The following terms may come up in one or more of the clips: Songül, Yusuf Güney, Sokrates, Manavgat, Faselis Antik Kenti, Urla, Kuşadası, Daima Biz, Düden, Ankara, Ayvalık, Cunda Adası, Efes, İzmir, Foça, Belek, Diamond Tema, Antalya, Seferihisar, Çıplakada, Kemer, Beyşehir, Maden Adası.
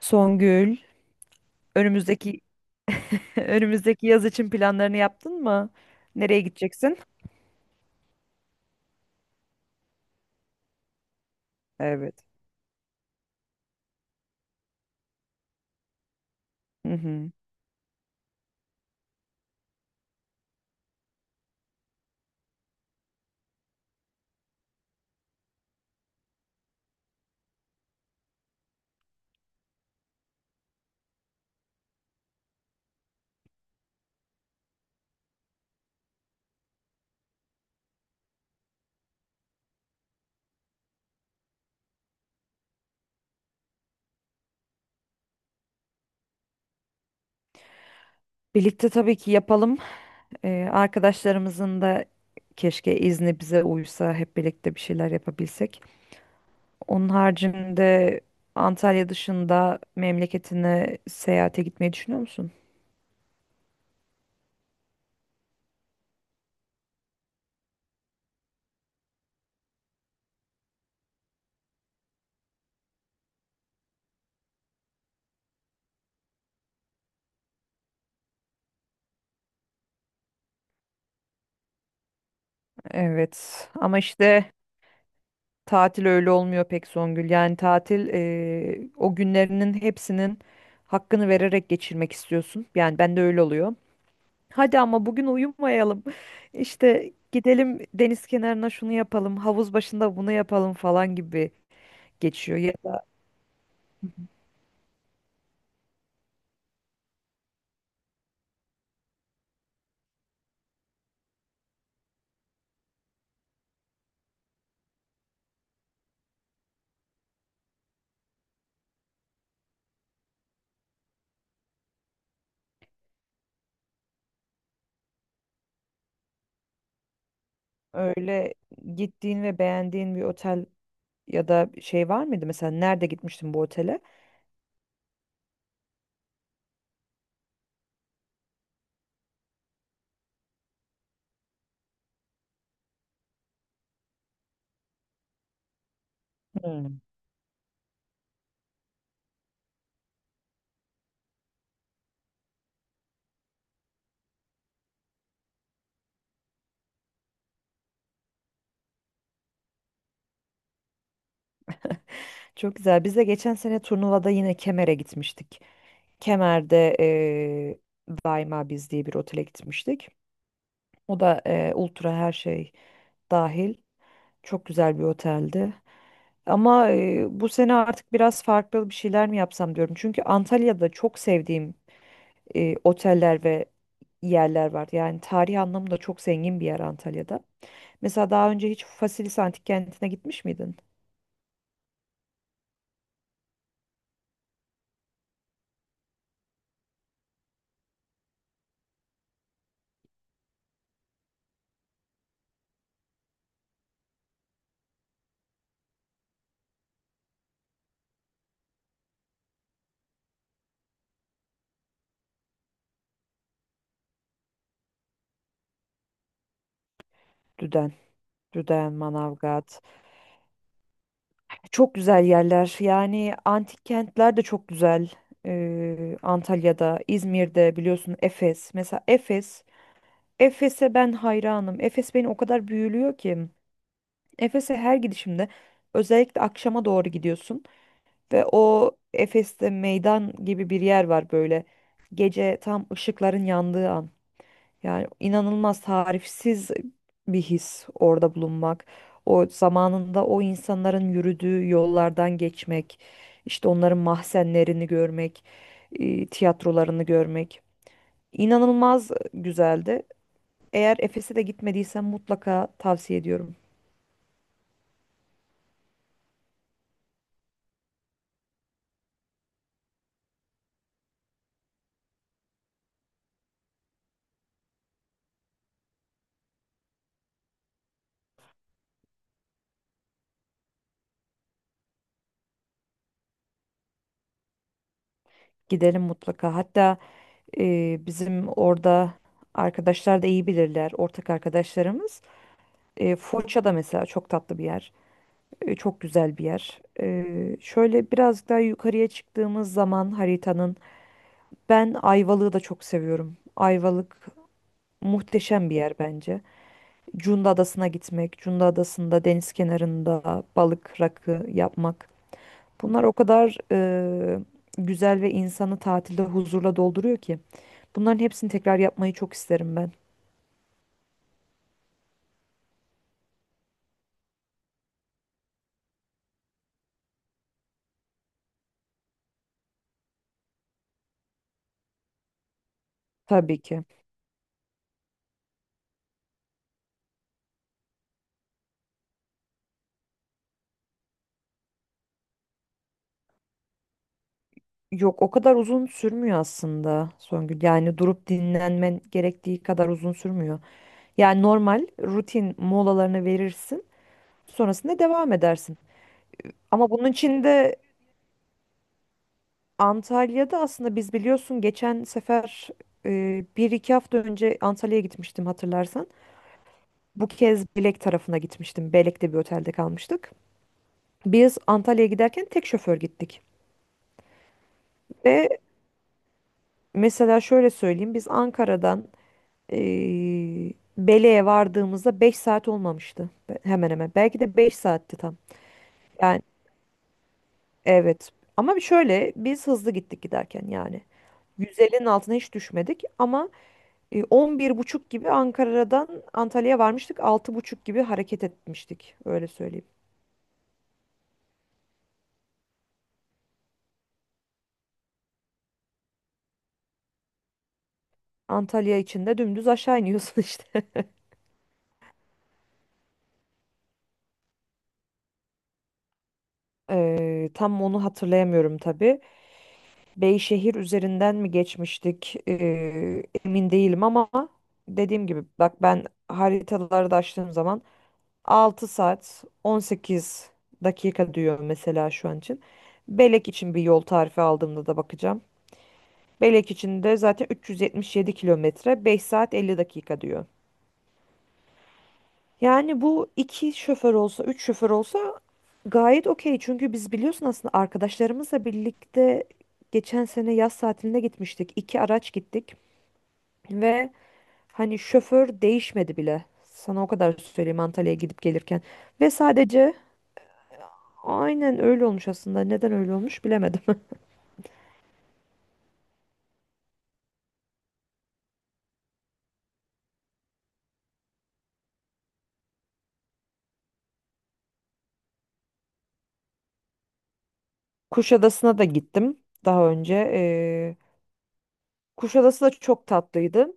Songül, önümüzdeki önümüzdeki yaz için planlarını yaptın mı? Nereye gideceksin? Evet. Hı hı. Birlikte tabii ki yapalım. Arkadaşlarımızın da keşke izni bize uysa hep birlikte bir şeyler yapabilsek. Onun haricinde Antalya dışında memleketine seyahate gitmeyi düşünüyor musun? Evet. Ama işte. Tatil öyle olmuyor pek Songül. Yani tatil o günlerinin hepsinin hakkını vererek geçirmek istiyorsun. Yani ben de öyle oluyor. Hadi ama bugün uyumayalım. İşte gidelim deniz kenarına şunu yapalım, havuz başında bunu yapalım falan gibi geçiyor. Ya da öyle gittiğin ve beğendiğin bir otel ya da şey var mıydı? Mesela nerede gitmiştin bu otele? Hmm. Çok güzel. Biz de geçen sene turnuvada yine Kemer'e gitmiştik. Kemer'de Daima Biz diye bir otele gitmiştik. O da ultra her şey dahil. Çok güzel bir oteldi. Ama bu sene artık biraz farklı bir şeyler mi yapsam diyorum. Çünkü Antalya'da çok sevdiğim oteller ve yerler var. Yani tarih anlamında çok zengin bir yer Antalya'da. Mesela daha önce hiç Faselis Antik Kenti'ne gitmiş miydin? Düden, Düden, Manavgat. Çok güzel yerler. Yani antik kentler de çok güzel. Antalya'da, İzmir'de biliyorsun Efes. Mesela Efes. Efes'e ben hayranım. Efes beni o kadar büyülüyor ki. Efes'e her gidişimde özellikle akşama doğru gidiyorsun ve o Efes'te meydan gibi bir yer var böyle. Gece tam ışıkların yandığı an. Yani inanılmaz tarifsiz bir his orada bulunmak. O zamanında o insanların yürüdüğü yollardan geçmek, işte onların mahzenlerini görmek, tiyatrolarını görmek. İnanılmaz güzeldi. Eğer Efes'e de gitmediysen mutlaka tavsiye ediyorum. Gidelim mutlaka. Hatta bizim orada arkadaşlar da iyi bilirler, ortak arkadaşlarımız. Foça da mesela çok tatlı bir yer. Çok güzel bir yer. Şöyle biraz daha yukarıya çıktığımız zaman haritanın ben Ayvalık'ı da çok seviyorum. Ayvalık muhteşem bir yer bence. Cunda Adası'na gitmek, Cunda Adası'nda deniz kenarında balık rakı yapmak. Bunlar o kadar güzel ve insanı tatilde huzurla dolduruyor ki. Bunların hepsini tekrar yapmayı çok isterim ben. Tabii ki. Yok o kadar uzun sürmüyor aslında Songül. Yani durup dinlenmen gerektiği kadar uzun sürmüyor. Yani normal rutin molalarını verirsin. Sonrasında devam edersin. Ama bunun için de Antalya'da aslında biz biliyorsun geçen sefer bir iki hafta önce Antalya'ya gitmiştim hatırlarsan. Bu kez Belek tarafına gitmiştim. Belek'te bir otelde kalmıştık. Biz Antalya'ya giderken tek şoför gittik. Ve mesela şöyle söyleyeyim biz Ankara'dan e, Belek'e vardığımızda 5 saat olmamıştı. Hemen hemen. Belki de 5 saatti tam. Yani. Evet. Ama bir şöyle biz hızlı gittik giderken yani. 150'nin altına hiç düşmedik ama 11.30 gibi Ankara'dan Antalya'ya varmıştık. 6.30 gibi hareket etmiştik öyle söyleyeyim. Antalya içinde dümdüz aşağı iniyorsun işte. Tam onu hatırlayamıyorum tabii. Beyşehir üzerinden mi geçmiştik? Emin değilim ama dediğim gibi bak ben haritaları da açtığım zaman 6 saat 18 dakika diyor mesela şu an için. Belek için bir yol tarifi aldığımda da bakacağım. Belek için de zaten 377 kilometre 5 saat 50 dakika diyor. Yani bu iki şoför olsa, üç şoför olsa gayet okey. Çünkü biz biliyorsun aslında arkadaşlarımızla birlikte geçen sene yaz tatiline gitmiştik. İki araç gittik ve hani şoför değişmedi bile. Sana o kadar söyleyeyim Antalya'ya gidip gelirken. Ve sadece Aynen öyle olmuş aslında. Neden öyle olmuş bilemedim. Kuşadası'na da gittim daha önce. Kuşadası da çok tatlıydı.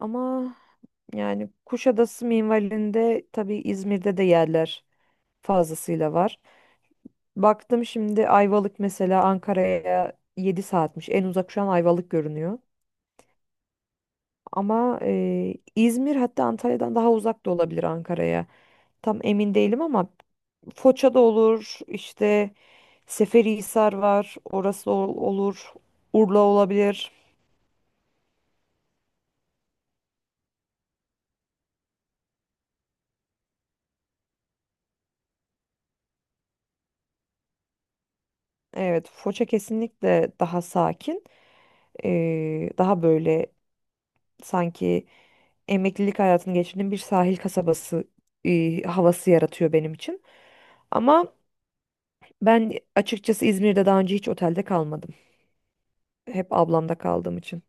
Ama yani Kuşadası minvalinde tabii İzmir'de de yerler fazlasıyla var. Baktım şimdi Ayvalık mesela Ankara'ya 7 saatmiş. En uzak şu an Ayvalık görünüyor. Ama İzmir hatta Antalya'dan daha uzak da olabilir Ankara'ya. Tam emin değilim ama Foça da olur, işte Seferihisar var, orası olur, Urla olabilir. Evet, Foça kesinlikle daha sakin, daha böyle sanki emeklilik hayatını geçirdiğim bir sahil kasabası havası yaratıyor benim için. Ama ben açıkçası İzmir'de daha önce hiç otelde kalmadım. Hep ablamda kaldığım için.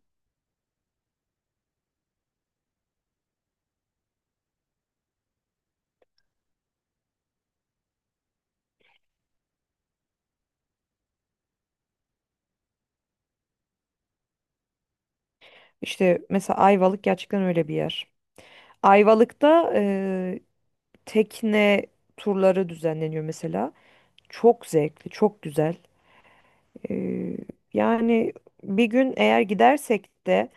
İşte mesela Ayvalık gerçekten öyle bir yer. Ayvalık'ta tekne turları düzenleniyor mesela. Çok zevkli, çok güzel. Ee, yani bir gün eğer gidersek de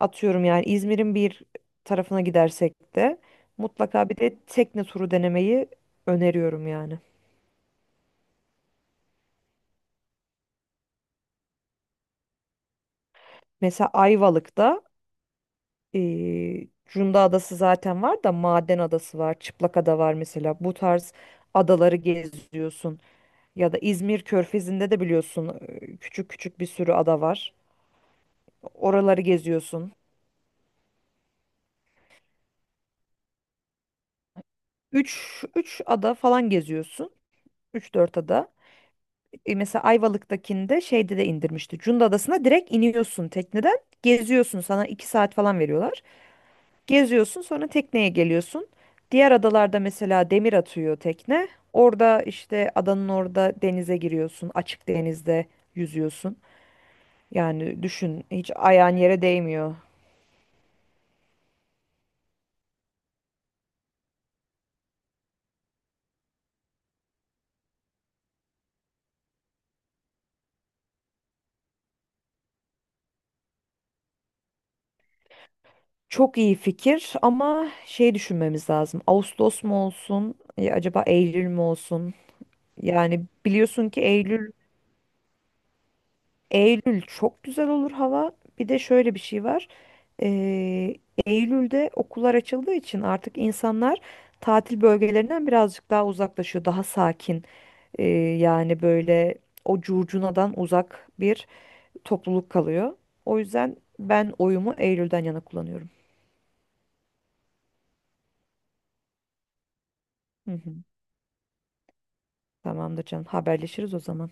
atıyorum yani İzmir'in bir tarafına gidersek de mutlaka bir de tekne turu denemeyi öneriyorum yani. Mesela Ayvalık'ta Cunda Adası zaten var da Maden Adası var, Çıplakada var mesela. Bu tarz adaları geziyorsun. Ya da İzmir Körfezi'nde de biliyorsun küçük küçük bir sürü ada var. Oraları geziyorsun. Üç ada falan geziyorsun. Üç dört ada. Mesela Ayvalık'takinde şeyde de indirmişti. Cunda Adası'na direkt iniyorsun tekneden. Geziyorsun sana 2 saat falan veriyorlar. Geziyorsun sonra tekneye geliyorsun. Diğer adalarda mesela demir atıyor tekne. Orada işte adanın orada denize giriyorsun. Açık denizde yüzüyorsun. Yani düşün hiç ayağın yere değmiyor. Çok iyi fikir ama şey düşünmemiz lazım. Ağustos mu olsun? Ya acaba Eylül mü olsun? Yani biliyorsun ki Eylül. Eylül çok güzel olur hava. Bir de şöyle bir şey var. Ee, Eylül'de okullar açıldığı için artık insanlar tatil bölgelerinden birazcık daha uzaklaşıyor. Daha sakin. e, yani böyle o curcunadan uzak bir topluluk kalıyor. O yüzden ben oyumu Eylül'den yana kullanıyorum. Hı hı. Tamamdır canım. Haberleşiriz o zaman.